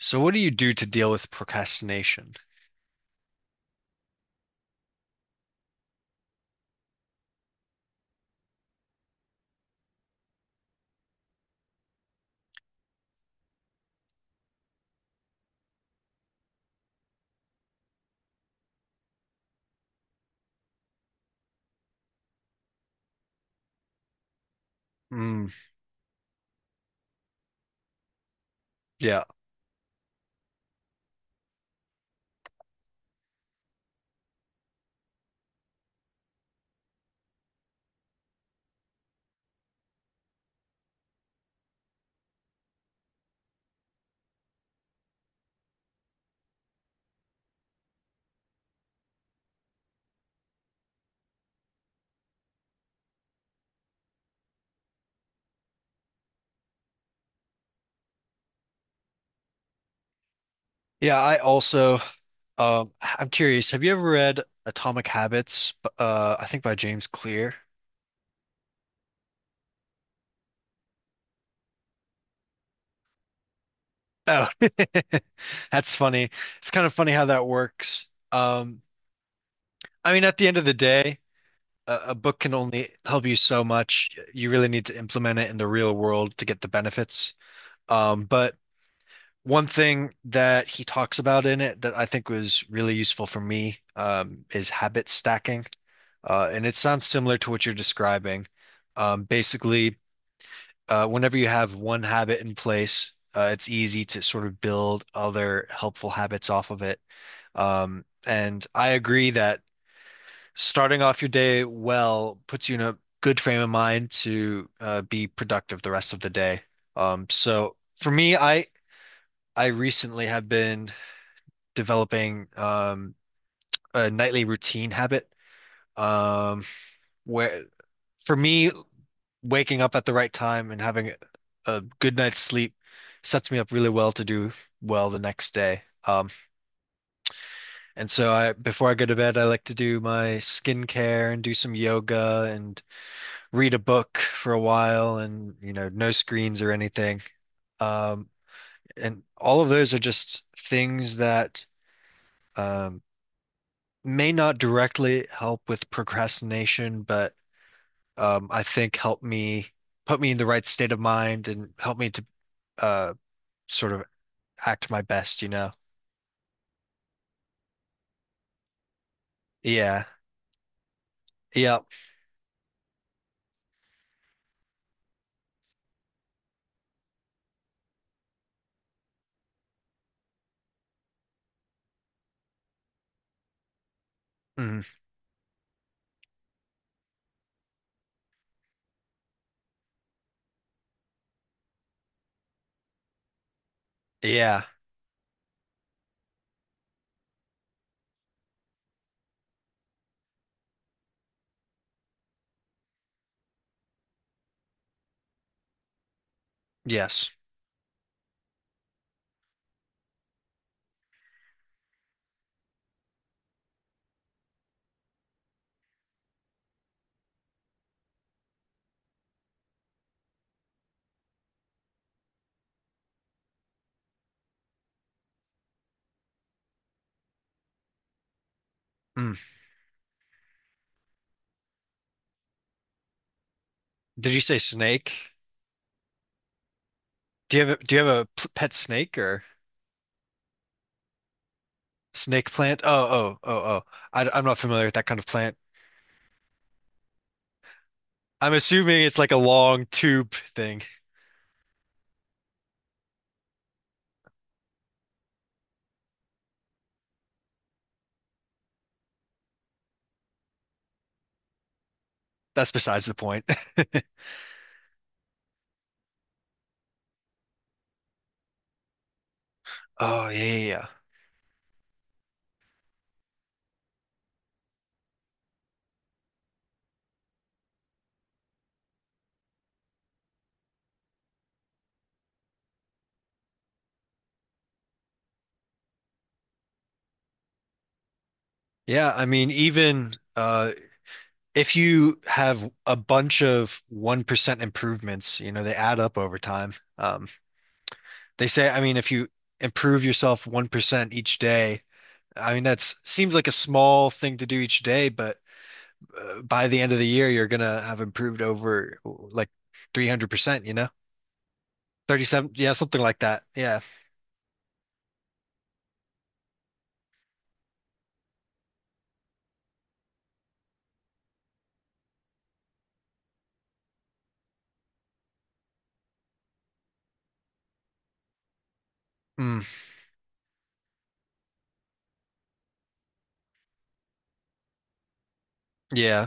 So what do you do to deal with procrastination? Mm, yeah. Yeah, I also I'm curious, have you ever read Atomic Habits I think by James Clear? Oh. That's funny. It's kind of funny how that works. I mean, at the end of the day, a book can only help you so much. You really need to implement it in the real world to get the benefits. But one thing that he talks about in it that I think was really useful for me is habit stacking. And it sounds similar to what you're describing. Basically, whenever you have one habit in place, it's easy to sort of build other helpful habits off of it. And I agree that starting off your day well puts you in a good frame of mind to be productive the rest of the day. So for me, I recently have been developing a nightly routine habit um, where for me, waking up at the right time and having a good night's sleep sets me up really well to do well the next day. And so I, before I go to bed, I like to do my skincare and do some yoga and read a book for a while and, you know, no screens or anything. Um, and all of those are just things that um, may not directly help with procrastination, but I think help me, put me in the right state of mind and help me to uh, sort of act my best, you know? Yeah. Yeah. Mm. Yeah. Yes. Mm. Did you say snake? Do you have a, do you have a pet snake or snake plant? Oh, oh, oh, oh. I'm not familiar with that kind of plant. I'm assuming it's like a long tube thing. That's besides the point. Oh, yeah, yeah, yeah. Yeah, I mean, even if you have a bunch of 1% improvements, you know, they add up over time. Um, they say, I mean, if you improve yourself 1% each day, I mean, that's seems like a small thing to do each day, but by the end of the year, you're gonna have improved over like 300%, you know? 37, yeah, something like that. Yeah. Mm, yeah.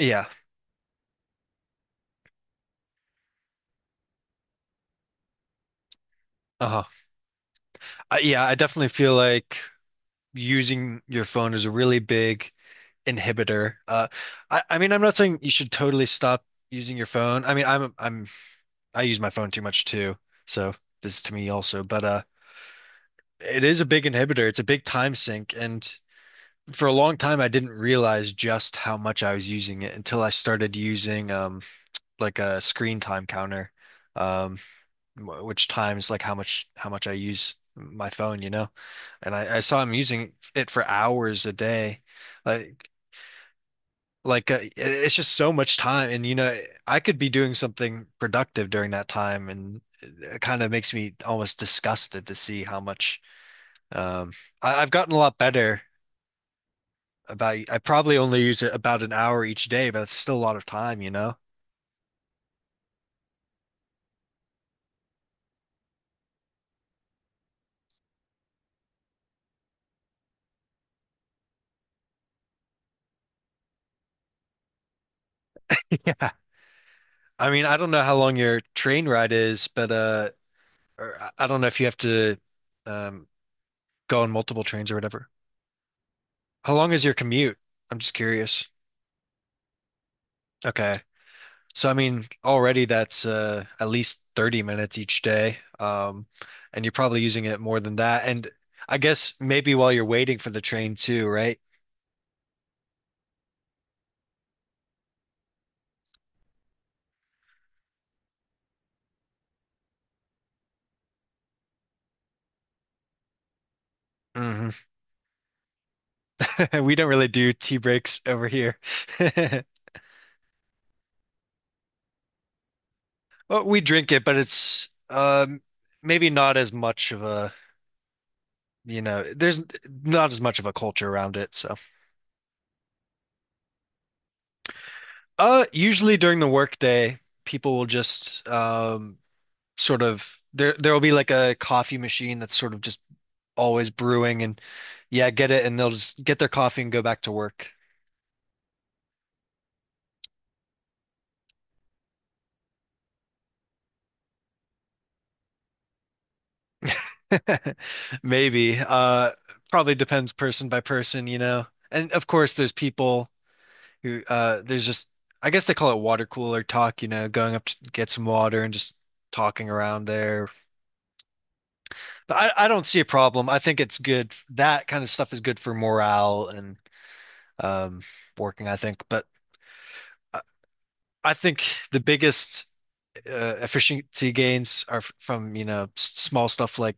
Yeah. Uh-huh. Yeah, I definitely feel like using your phone is a really big inhibitor. I mean, I'm not saying you should totally stop using your phone. I mean, I'm I use my phone too much too, so this is to me also. But it is a big inhibitor. It's a big time sink, and for a long time, I didn't realize just how much I was using it until I started using like a screen time counter, um, which times like how much I use my phone, you know. And I saw him using it for hours a day. Like like it's just so much time, and you know, I could be doing something productive during that time, and it kind of makes me almost disgusted to see how much um I, I've gotten a lot better about, I probably only use it about an hour each day, but it's still a lot of time, you know. Yeah, I mean, I don't know how long your train ride is, but or I don't know if you have to um go on multiple trains or whatever. How long is your commute? I'm just curious. Okay. So I mean, already that's at least 30 minutes each day. And you're probably using it more than that. And I guess maybe while you're waiting for the train too, right? Hmm. We don't really do tea breaks over here. Well, we drink it, but it's maybe not as much of a, you know, there's not as much of a culture around it. So, usually during the workday, people will just sort of, there will be like a coffee machine that's sort of just always brewing, and yeah, get it, and they'll just get their coffee and go back to work. Maybe. Probably depends person by person, you know. And of course there's people who there's just, I guess they call it water cooler talk, you know, going up to get some water and just talking around there. But I don't see a problem. I think it's good. That kind of stuff is good for morale and um working, I think. But I, I think the biggest efficiency gains are from, you know, small stuff like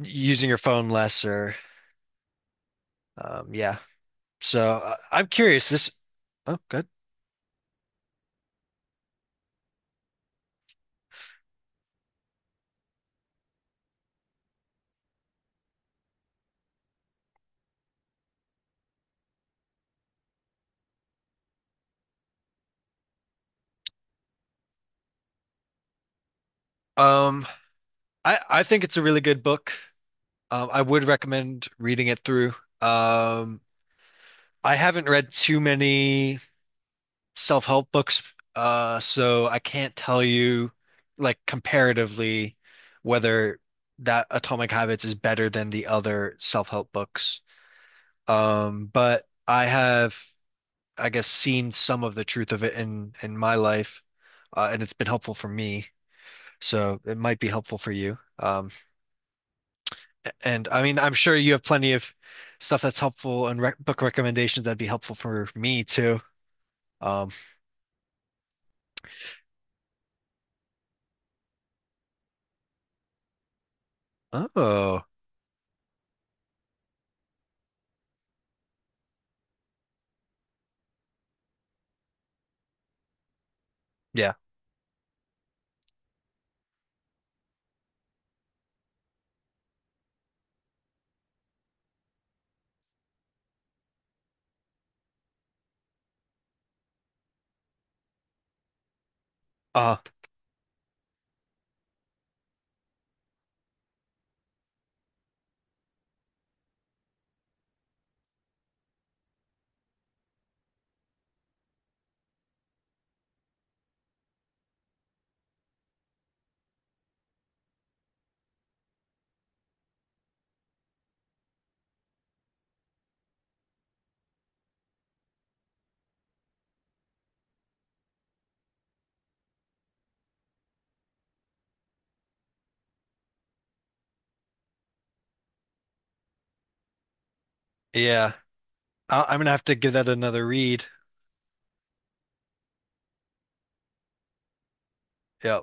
using your phone less or yeah. So I'm curious. This, oh good. Um, I I think it's a really good book. I would recommend reading it through. Um, I haven't read too many self-help books, so I can't tell you like comparatively whether that Atomic Habits is better than the other self-help books. But I have, I guess, seen some of the truth of it in my life, and it's been helpful for me. So it might be helpful for you. And I mean, I'm sure you have plenty of stuff that's helpful, and rec book recommendations that'd be helpful for me too. Um, oh yeah, uh, yeah. I I'm gonna have to give that another read. Yeah.